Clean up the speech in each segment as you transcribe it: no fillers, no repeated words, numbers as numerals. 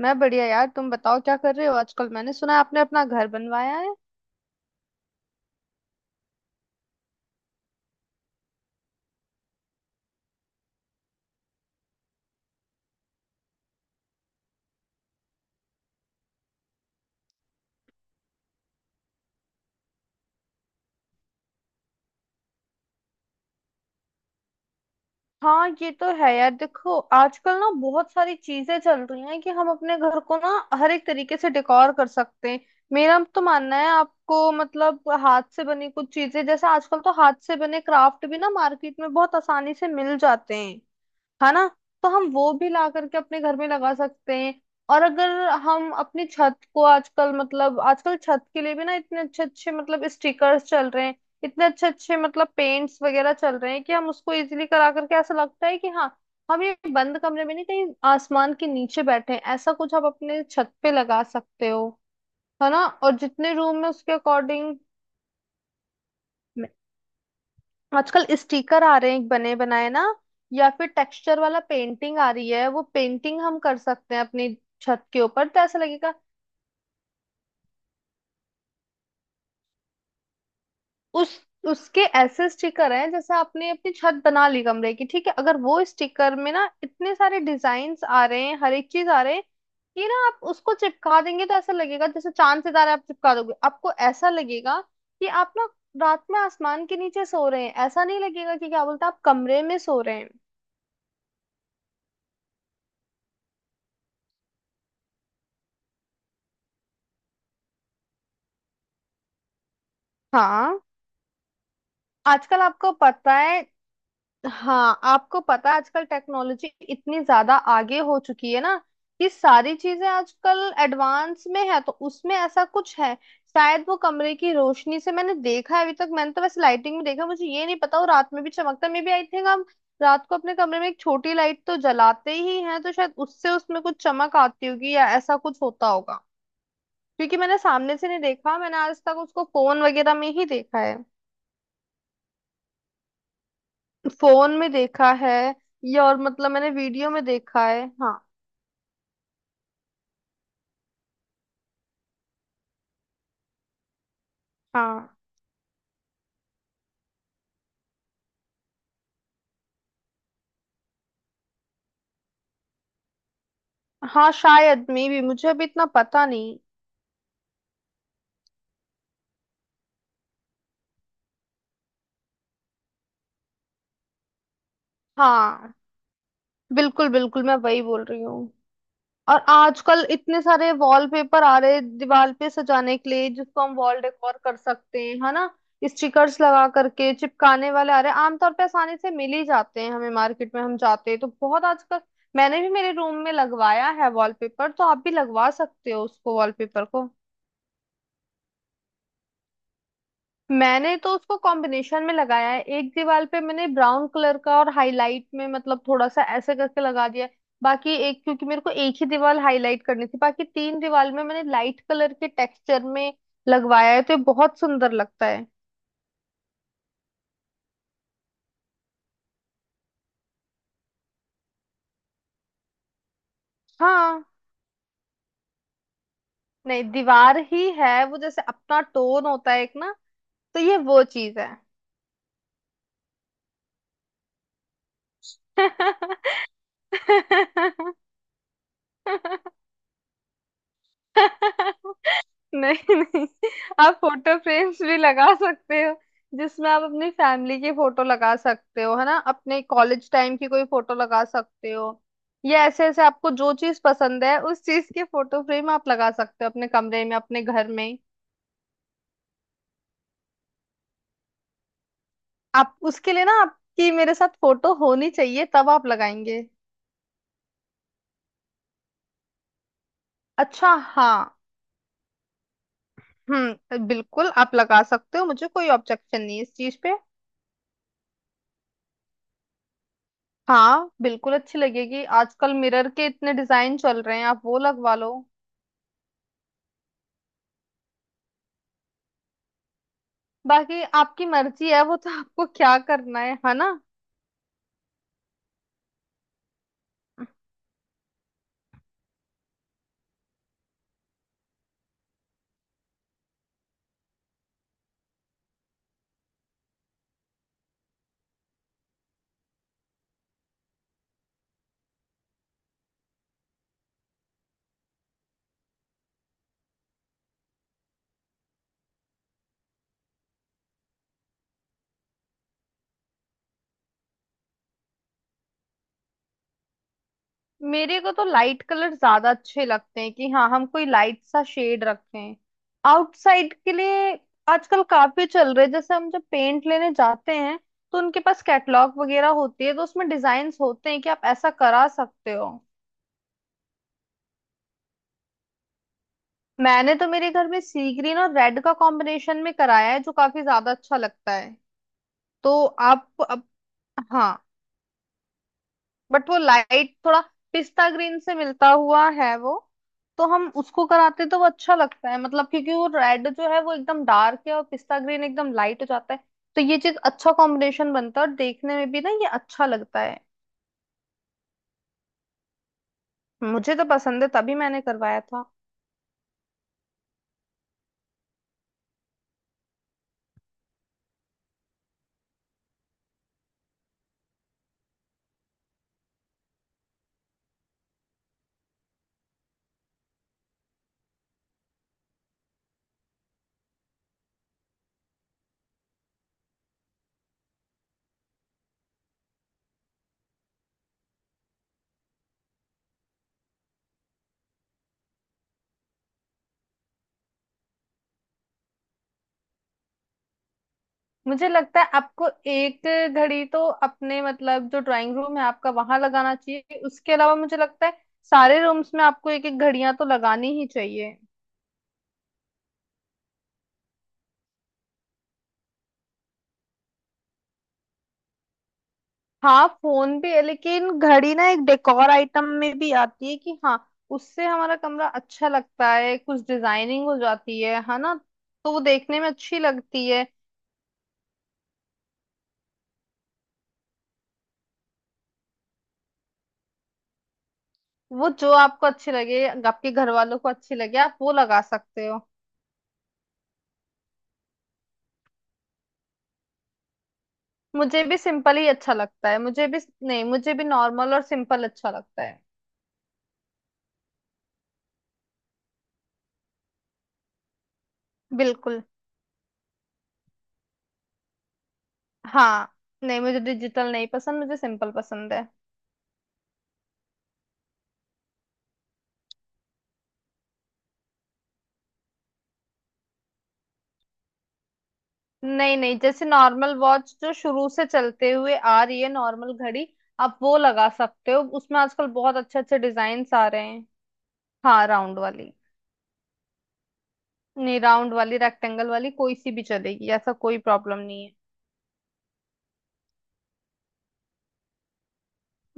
मैं बढ़िया यार। तुम बताओ क्या कर रहे हो आजकल। मैंने सुना है आपने अपना घर बनवाया है। हाँ ये तो है यार। देखो आजकल ना बहुत सारी चीजें चल रही हैं कि हम अपने घर को ना हर एक तरीके से डेकोर कर सकते हैं। मेरा तो मानना है, आपको मतलब हाथ से बनी कुछ चीजें, जैसे आजकल तो हाथ से बने क्राफ्ट भी ना मार्केट में बहुत आसानी से मिल जाते हैं, है ना। तो हम वो भी ला करके अपने घर में लगा सकते हैं। और अगर हम अपनी छत को आजकल मतलब आजकल छत के लिए भी ना इतने अच्छे अच्छे मतलब स्टिकर्स चल रहे हैं, इतने अच्छे अच्छे मतलब पेंट्स वगैरह चल रहे हैं, कि हम उसको इजीली करा करके ऐसा लगता है कि हाँ हम ये बंद कमरे में नहीं, कहीं आसमान के नीचे बैठे हैं। ऐसा कुछ आप अपने छत पे लगा सकते हो, है ना। और जितने रूम में उसके अकॉर्डिंग आजकल स्टिकर आ रहे हैं बने बनाए ना, या फिर टेक्सचर वाला पेंटिंग आ रही है। वो पेंटिंग हम कर सकते हैं अपनी छत के ऊपर, तो ऐसा लगेगा। उस उसके ऐसे स्टिकर हैं, जैसे आपने अपनी छत बना ली कमरे की, ठीक है। अगर वो स्टिकर में ना इतने सारे डिजाइन्स आ रहे हैं, हर एक चीज आ रहे हैं कि ना आप उसको चिपका देंगे, तो ऐसा लगेगा जैसे चांद सितारे आप चिपका दोगे। आपको ऐसा लगेगा कि आप ना रात में आसमान के नीचे सो रहे हैं। ऐसा नहीं लगेगा कि क्या बोलते हैं आप कमरे में सो रहे हैं। हाँ आजकल आपको पता है। हाँ आपको पता है आजकल टेक्नोलॉजी इतनी ज्यादा आगे हो चुकी है ना कि सारी चीजें आजकल एडवांस में है, तो उसमें ऐसा कुछ है। शायद वो कमरे की रोशनी से, मैंने देखा है अभी तक। मैंने तो वैसे लाइटिंग में देखा, मुझे ये नहीं पता वो रात में भी चमकता मे भी आई थिंक हम रात को अपने कमरे में एक छोटी लाइट तो जलाते ही हैं, तो शायद उससे उसमें कुछ चमक आती होगी, या ऐसा कुछ होता होगा। क्योंकि मैंने सामने से नहीं देखा, मैंने आज तक उसको फोन वगैरह में ही देखा है। फोन में देखा है, या और मतलब मैंने वीडियो में देखा है हाँ। हाँ हाँ शायद मे भी, मुझे अभी इतना पता नहीं। हाँ बिल्कुल बिल्कुल, मैं वही बोल रही हूँ। और आजकल इतने सारे वॉलपेपर आ रहे हैं दीवार पे सजाने के लिए, जिसको हम वॉल डेकोर कर सकते हैं, है ना। स्टिकर्स लगा करके चिपकाने वाले आ रहे हैं, आमतौर पे आसानी से मिल ही जाते हैं हमें मार्केट में, हम जाते हैं तो बहुत आजकल। मैंने भी मेरे रूम में लगवाया है वॉलपेपर, तो आप भी लगवा सकते हो उसको, वॉलपेपर को। मैंने तो उसको कॉम्बिनेशन में लगाया है, एक दीवार पे मैंने ब्राउन कलर का और हाईलाइट में मतलब थोड़ा सा ऐसे करके लगा दिया है। बाकी एक, क्योंकि मेरे को एक ही दीवार हाईलाइट करनी थी, बाकी तीन दीवार में मैंने लाइट कलर के टेक्सचर में लगवाया है, तो ये बहुत सुंदर लगता है। हाँ। नहीं, दीवार ही है वो, जैसे अपना टोन होता है एक ना, तो ये वो चीज है। नहीं नहीं। आप फोटो फ्रेम्स भी लगा सकते हो, जिसमें आप अपनी फैमिली की फोटो लगा सकते हो, है ना। अपने कॉलेज टाइम की कोई फोटो लगा सकते हो, या ऐसे ऐसे आपको जो चीज पसंद है उस चीज के फोटो फ्रेम आप लगा सकते हो अपने कमरे में, अपने घर में। आप उसके लिए ना, आपकी मेरे साथ फोटो होनी चाहिए, तब आप लगाएंगे। अच्छा। हाँ। बिल्कुल, आप लगा सकते हो, मुझे कोई ऑब्जेक्शन नहीं है इस चीज पे। हाँ बिल्कुल अच्छी लगेगी, आजकल मिरर के इतने डिजाइन चल रहे हैं, आप वो लगवा लो। बाकी आपकी मर्जी है, वो तो आपको क्या करना है ना। मेरे को तो लाइट कलर ज्यादा अच्छे लगते हैं, कि हाँ हम कोई लाइट सा शेड रखें। आउटसाइड के लिए आजकल काफी चल रहे हैं, जैसे हम जब पेंट लेने जाते हैं तो उनके पास कैटलॉग वगैरह होती है, तो उसमें डिजाइन होते हैं कि आप ऐसा करा सकते हो। मैंने तो मेरे घर में सी ग्रीन और रेड का कॉम्बिनेशन में कराया है, जो काफी ज्यादा अच्छा लगता है। तो आप अब, हाँ। बट वो लाइट थोड़ा पिस्ता ग्रीन से मिलता हुआ है वो, तो हम उसको कराते तो वो अच्छा लगता है। मतलब क्योंकि वो रेड जो है वो एकदम डार्क है, और पिस्ता ग्रीन एकदम लाइट हो जाता है, तो ये चीज अच्छा कॉम्बिनेशन बनता है, और देखने में भी ना ये अच्छा लगता है। मुझे तो पसंद है, तभी मैंने करवाया था। मुझे लगता है आपको एक घड़ी तो अपने मतलब जो ड्राइंग रूम है आपका, वहां लगाना चाहिए। उसके अलावा मुझे लगता है सारे रूम्स में आपको एक एक घड़ियां तो लगानी ही चाहिए। हाँ फोन भी है, लेकिन घड़ी ना एक डेकोर आइटम में भी आती है, कि हाँ उससे हमारा कमरा अच्छा लगता है, कुछ डिजाइनिंग हो जाती है ना। तो वो देखने में अच्छी लगती है। वो जो आपको अच्छी लगे, आपके घर वालों को अच्छी लगे, आप वो लगा सकते हो। मुझे भी सिंपल ही अच्छा लगता है, मुझे भी। नहीं, मुझे भी नॉर्मल और सिंपल अच्छा लगता है। बिल्कुल। हाँ। नहीं मुझे डिजिटल नहीं पसंद, मुझे सिंपल पसंद है। नहीं नहीं, जैसे नॉर्मल वॉच जो शुरू से चलते हुए आ रही है, नॉर्मल घड़ी, आप वो लगा सकते हो। उसमें आजकल बहुत अच्छे अच्छे डिजाइन्स आ रहे हैं। हाँ, राउंड वाली। नहीं, राउंड वाली, रेक्टेंगल वाली, कोई सी भी चलेगी, ऐसा कोई प्रॉब्लम नहीं है।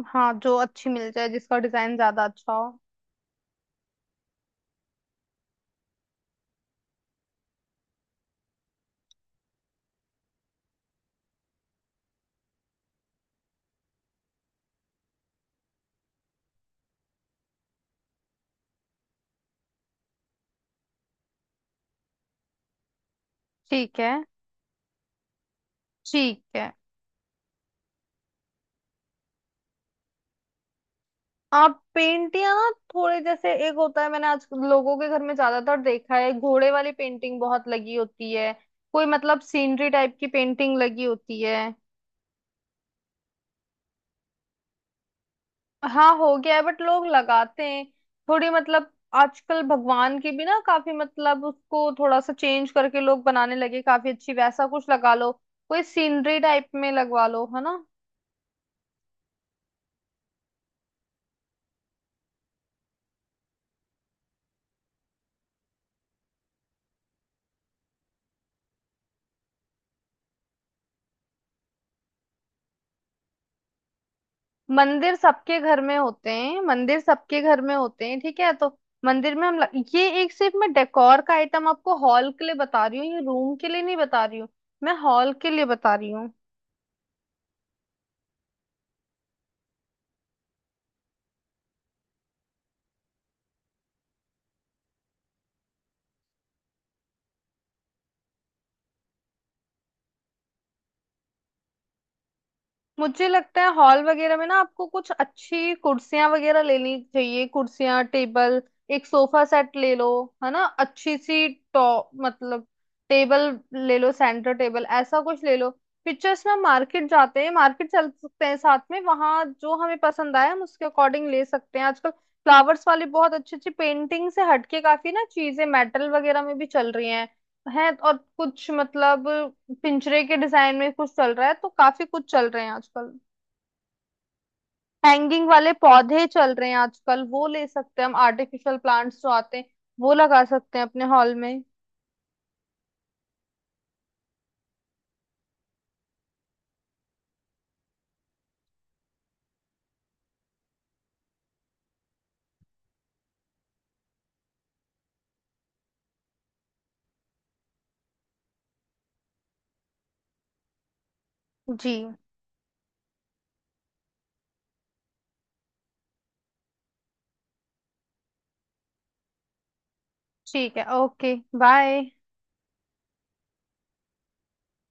हाँ, जो अच्छी मिल जाए, जिसका डिजाइन ज्यादा अच्छा हो। ठीक है ठीक है। आप पेंटियां ना थोड़े, जैसे एक होता है, मैंने आज लोगों के घर में ज्यादातर देखा है घोड़े वाली पेंटिंग बहुत लगी होती है, कोई मतलब सीनरी टाइप की पेंटिंग लगी होती है। हाँ हो गया है, बट लोग लगाते हैं। थोड़ी मतलब आजकल भगवान की भी ना काफी, मतलब उसको थोड़ा सा चेंज करके लोग बनाने लगे काफी अच्छी, वैसा कुछ लगा लो, कोई सीनरी टाइप में लगवा लो, है ना। मंदिर सबके घर में होते हैं, मंदिर सबके घर में होते हैं, ठीक है। तो मंदिर में हम लग... ये एक सिर्फ मैं डेकोर का आइटम आपको हॉल के लिए बता रही हूँ, ये रूम के लिए नहीं बता रही हूँ। मैं हॉल के लिए बता रही हूँ। मुझे लगता है हॉल वगैरह में ना आपको कुछ अच्छी कुर्सियां वगैरह लेनी चाहिए, कुर्सियां, टेबल, एक सोफा सेट ले लो, है ना, अच्छी सी। टॉप मतलब टेबल ले लो, सेंटर टेबल ऐसा कुछ ले लो। पिक्चर्स में मार्केट जाते हैं, मार्केट चल सकते हैं साथ में, वहां जो हमें पसंद आए हम उसके अकॉर्डिंग ले सकते हैं। आजकल फ्लावर्स वाली बहुत अच्छी अच्छी पेंटिंग से हटके काफी ना चीजें मेटल वगैरह में भी चल रही हैं, है, और कुछ मतलब पिंजरे के डिजाइन में कुछ चल रहा है, तो काफी कुछ चल रहे हैं आजकल। हैंगिंग वाले पौधे चल रहे हैं आजकल, वो ले सकते हैं हम, आर्टिफिशियल प्लांट्स जो आते हैं वो लगा सकते हैं अपने हॉल में। जी। ठीक है, ओके, बाय।